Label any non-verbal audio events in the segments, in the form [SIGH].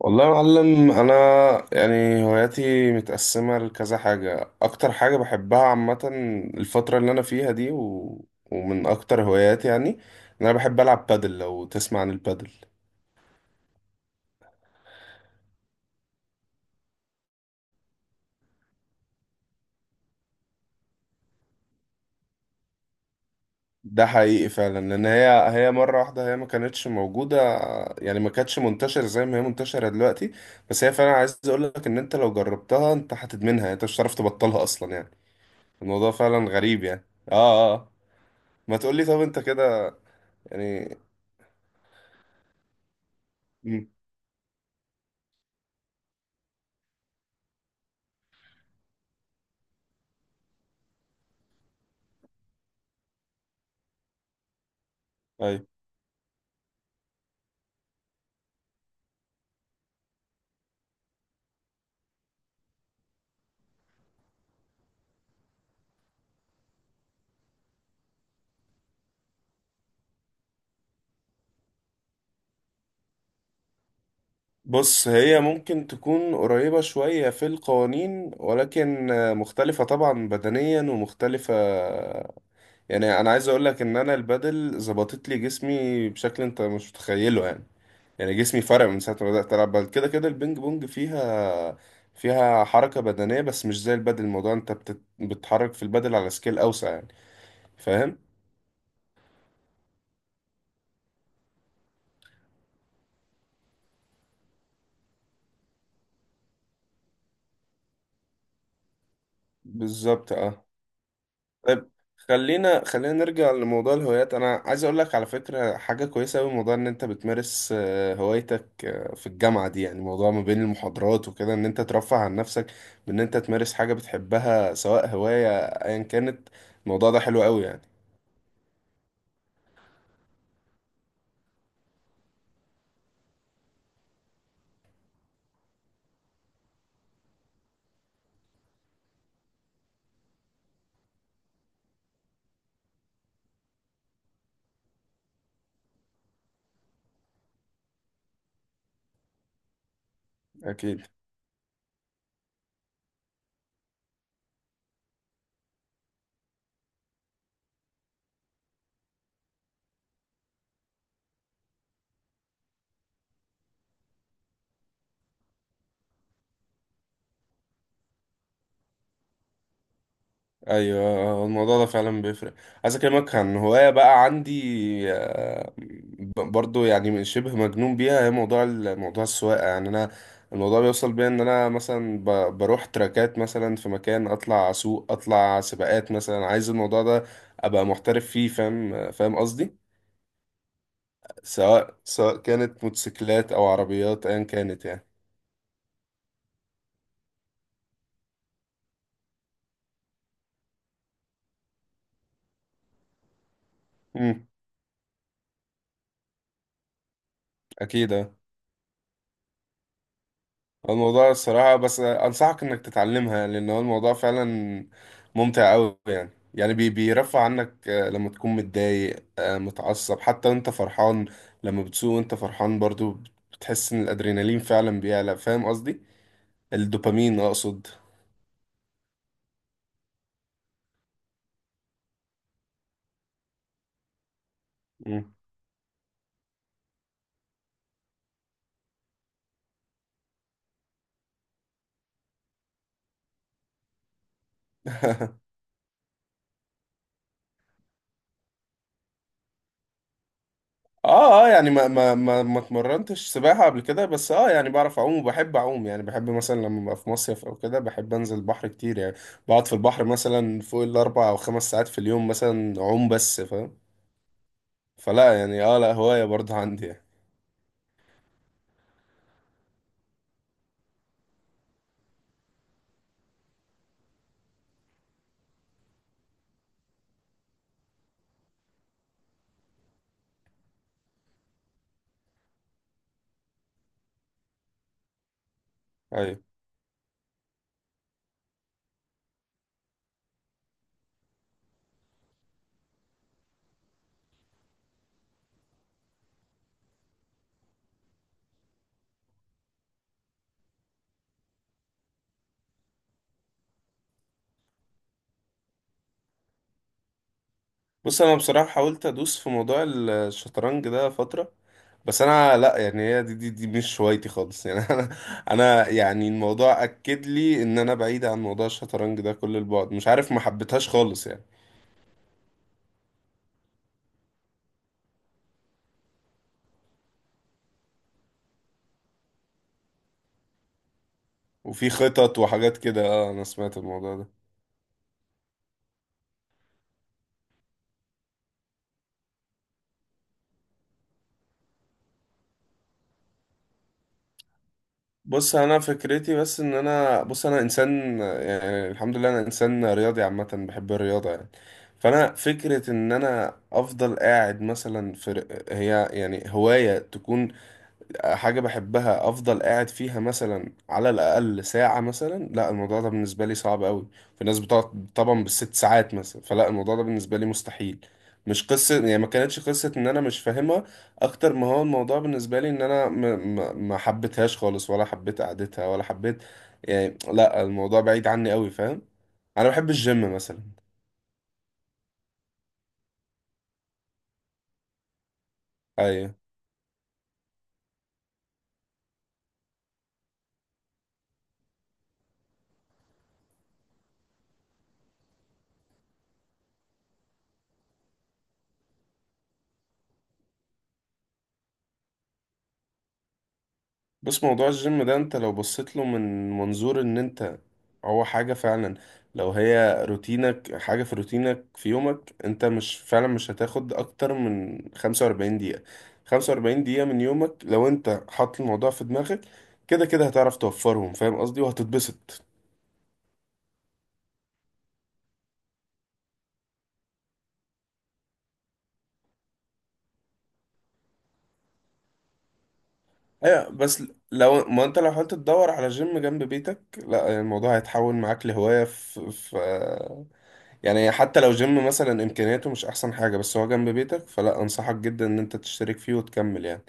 والله يا معلم، انا يعني هواياتي متقسمه لكذا حاجه. اكتر حاجه بحبها عامه الفتره اللي انا فيها دي، و... ومن اكتر هواياتي يعني ان انا بحب العب بادل. لو تسمع عن البادل، ده حقيقي فعلا لان هي مره واحده هي ما كانتش موجوده، يعني ما كانتش منتشره زي ما هي منتشره دلوقتي. بس هي فعلا عايز اقول لك ان انت لو جربتها انت هتدمنها، يعني انت مش هتعرف تبطلها اصلا يعني. الموضوع فعلا غريب يعني. اه، اه، آه. ما تقولي طب انت كده يعني. مم. أيوة. بص، هي ممكن تكون قريبة شوية في القوانين، ولكن مختلفة طبعا بدنيا ومختلفة. يعني أنا عايز أقولك إن أنا البادل ظبطت لي جسمي بشكل أنت مش متخيله يعني. يعني جسمي فرق من ساعة ما بدأت ألعب بادل كده كده. البينج بونج فيها حركة بدنية، بس مش زي البادل. الموضوع أنت بتتحرك في البادل على سكيل أوسع يعني. فاهم؟ بالظبط اه. طيب، خلينا نرجع لموضوع الهوايات. انا عايز اقول لك على فكره حاجه كويسه قوي، موضوع ان انت بتمارس هوايتك في الجامعه دي. يعني موضوع ما بين المحاضرات وكده ان انت ترفه عن نفسك بان انت تمارس حاجه بتحبها سواء هوايه ايا كانت. الموضوع ده حلو قوي يعني. اكيد. ايوه، الموضوع ده فعلا بيفرق. عايز اكلمك عن هوايه بقى عندي، برضو، يعني من شبه مجنون بيها. هي موضوع موضوع السواقه. يعني انا الموضوع بيوصل بيا ان انا مثلا بروح تراكات مثلا في مكان، اطلع اسوق، اطلع سباقات مثلا. عايز الموضوع ده ابقى محترف فيه. فاهم قصدي. سواء كانت موتوسيكلات او عربيات ايا كانت يعني. امم. اكيد آه. الموضوع الصراحة بس أنصحك إنك تتعلمها، لأن هو الموضوع فعلا ممتع أوي يعني. يعني بي بيرفع عنك، لما تكون متضايق، متعصب حتى وأنت فرحان. لما بتسوق وأنت فرحان برضو بتحس إن الأدرينالين فعلا بيعلى. فاهم قصدي؟ الدوبامين أقصد. اه، اه، يعني ما اتمرنتش سباحة قبل كده، بس اه يعني بعرف اعوم وبحب اعوم. يعني بحب مثلا لما ابقى في مصيف او كده بحب انزل البحر كتير يعني. بقعد في البحر مثلا فوق الاربع او خمس ساعات في اليوم مثلا اعوم بس. فاهم؟ فلا يعني اه، لا هواية برضه عندي يعني. ايوه. بص انا بصراحة حاولت ادوس في موضوع الشطرنج ده فترة. بس انا لا، يعني هي دي مش هوايتي خالص يعني. [LAUGHS] انا يعني الموضوع اكد لي ان انا بعيد عن موضوع الشطرنج ده كل البعد. مش عارف، ما حبيتهاش خالص يعني. وفي خطط وحاجات كده اه، انا سمعت الموضوع ده. بص انا فكرتي، بس ان انا، بص انا انسان، يعني الحمد لله انا انسان رياضي عامه بحب الرياضه يعني. فانا فكره ان انا افضل قاعد مثلا هي يعني هوايه تكون حاجة بحبها، أفضل قاعد فيها مثلا على الأقل ساعة مثلا، لا الموضوع ده بالنسبة لي صعب أوي. في ناس بتقعد طبعا بالست ساعات مثلا، فلا الموضوع ده بالنسبة لي مستحيل. مش قصة يعني، ما كانتش قصة إن أنا مش فاهمها، أكتر ما هو الموضوع بالنسبة لي إن أنا ما حبيتهاش خالص، ولا حبيت قعدتها، ولا حبيت يعني. لا، الموضوع بعيد عني أوي. فاهم؟ أنا بحب الجيم مثلا. أيوه. بص، موضوع الجيم ده انت لو بصيت له من منظور ان انت هو حاجة فعلا، لو هي روتينك، حاجة في روتينك في يومك، انت مش فعلا مش هتاخد اكتر من 45 دقيقة. 45 دقيقة من يومك لو انت حاطط الموضوع في دماغك، كده كده هتعرف توفرهم. فاهم قصدي؟ وهتتبسط. ايوه. بس لو ما انت لو حاولت تدور على جيم جنب بيتك، لا الموضوع هيتحول معاك لهواية في. يعني حتى لو جيم مثلا امكانياته مش احسن حاجة، بس هو جنب بيتك، فلا انصحك جدا ان انت تشترك فيه وتكمل يعني.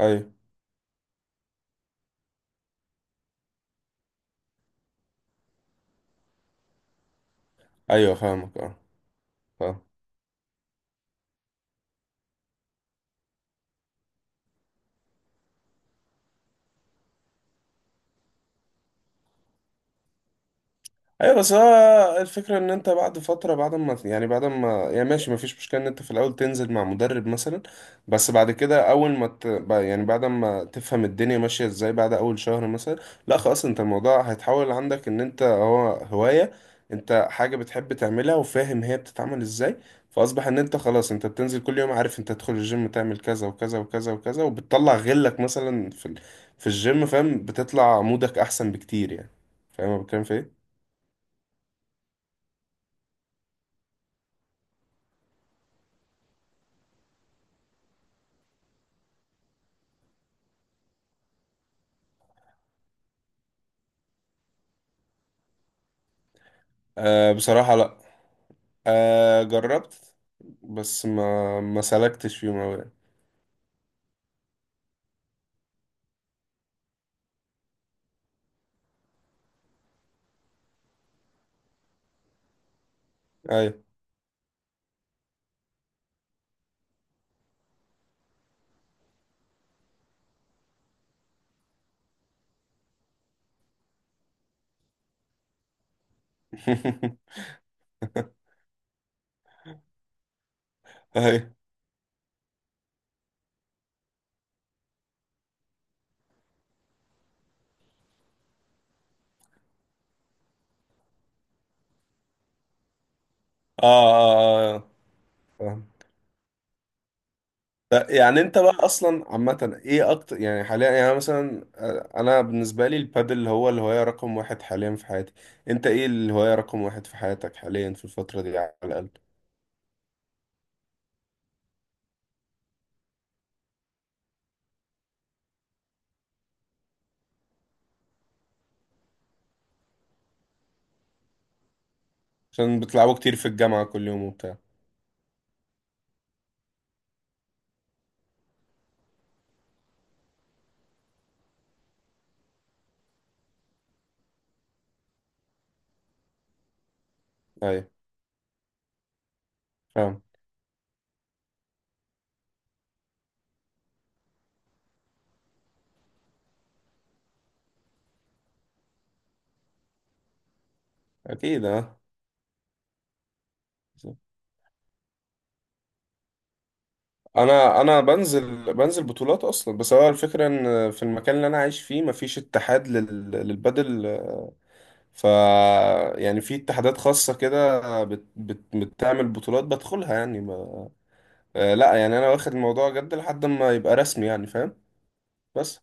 ايوه، ايوه، فاهمك اه. فاهم. ايوه، بس هو الفكره ان انت بعد فتره، بعد ما يعني ماشي، ما فيش مشكله ان انت في الاول تنزل مع مدرب مثلا. بس بعد كده، اول ما يعني بعد ما تفهم الدنيا ماشيه ازاي بعد اول شهر مثلا، لا خلاص، انت الموضوع هيتحول عندك ان انت هو هوايه، انت حاجه بتحب تعملها، وفاهم هي بتتعمل ازاي. فاصبح ان انت خلاص انت بتنزل كل يوم، عارف انت تدخل الجيم تعمل كذا وكذا وكذا وكذا وبتطلع غلك مثلا في الجيم. فاهم؟ بتطلع مودك احسن بكتير يعني. فاهم أنا بتكلم في ايه؟ أه بصراحة لا. أه جربت. بس ما سلكتش فيهم أوي يعني. أيوة. [LAUGHS] أيوة. آه، آه، آه، آه. فاهم. لا، يعني أنت بقى أصلا عامة إيه أكتر يعني حاليا، يعني مثلا أنا بالنسبة لي البادل هو الهواية رقم واحد حاليا في حياتي. أنت إيه الهواية رقم واحد في حياتك حاليا في الفترة دي على الأقل؟ عشان بتلعبوا كتير في الجامعة كل يوم وبتاع. أيوة. فاهم. أكيد أه. انا بنزل بطولات اصلا، بس هو الفكره ان في المكان اللي انا عايش فيه مفيش اتحاد للبدل. ف يعني في اتحادات خاصه كده بتعمل بطولات، بدخلها يعني ما... آه، لا يعني انا واخد الموضوع جد لحد ما يبقى رسمي يعني. فاهم؟ بس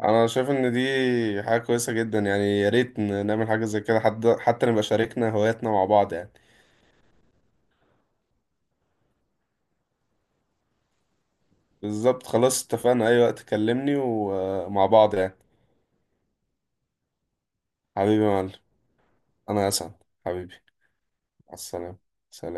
انا شايف ان دي حاجه كويسه جدا، يعني يا ريت نعمل حاجه زي كده، حتى نبقى شاركنا هواياتنا مع بعض يعني. بالظبط، خلاص اتفقنا، اي وقت كلمني ومع بعض يعني. حبيبي يا معلم، انا اسعد. حبيبي. مع السلامة. سلام.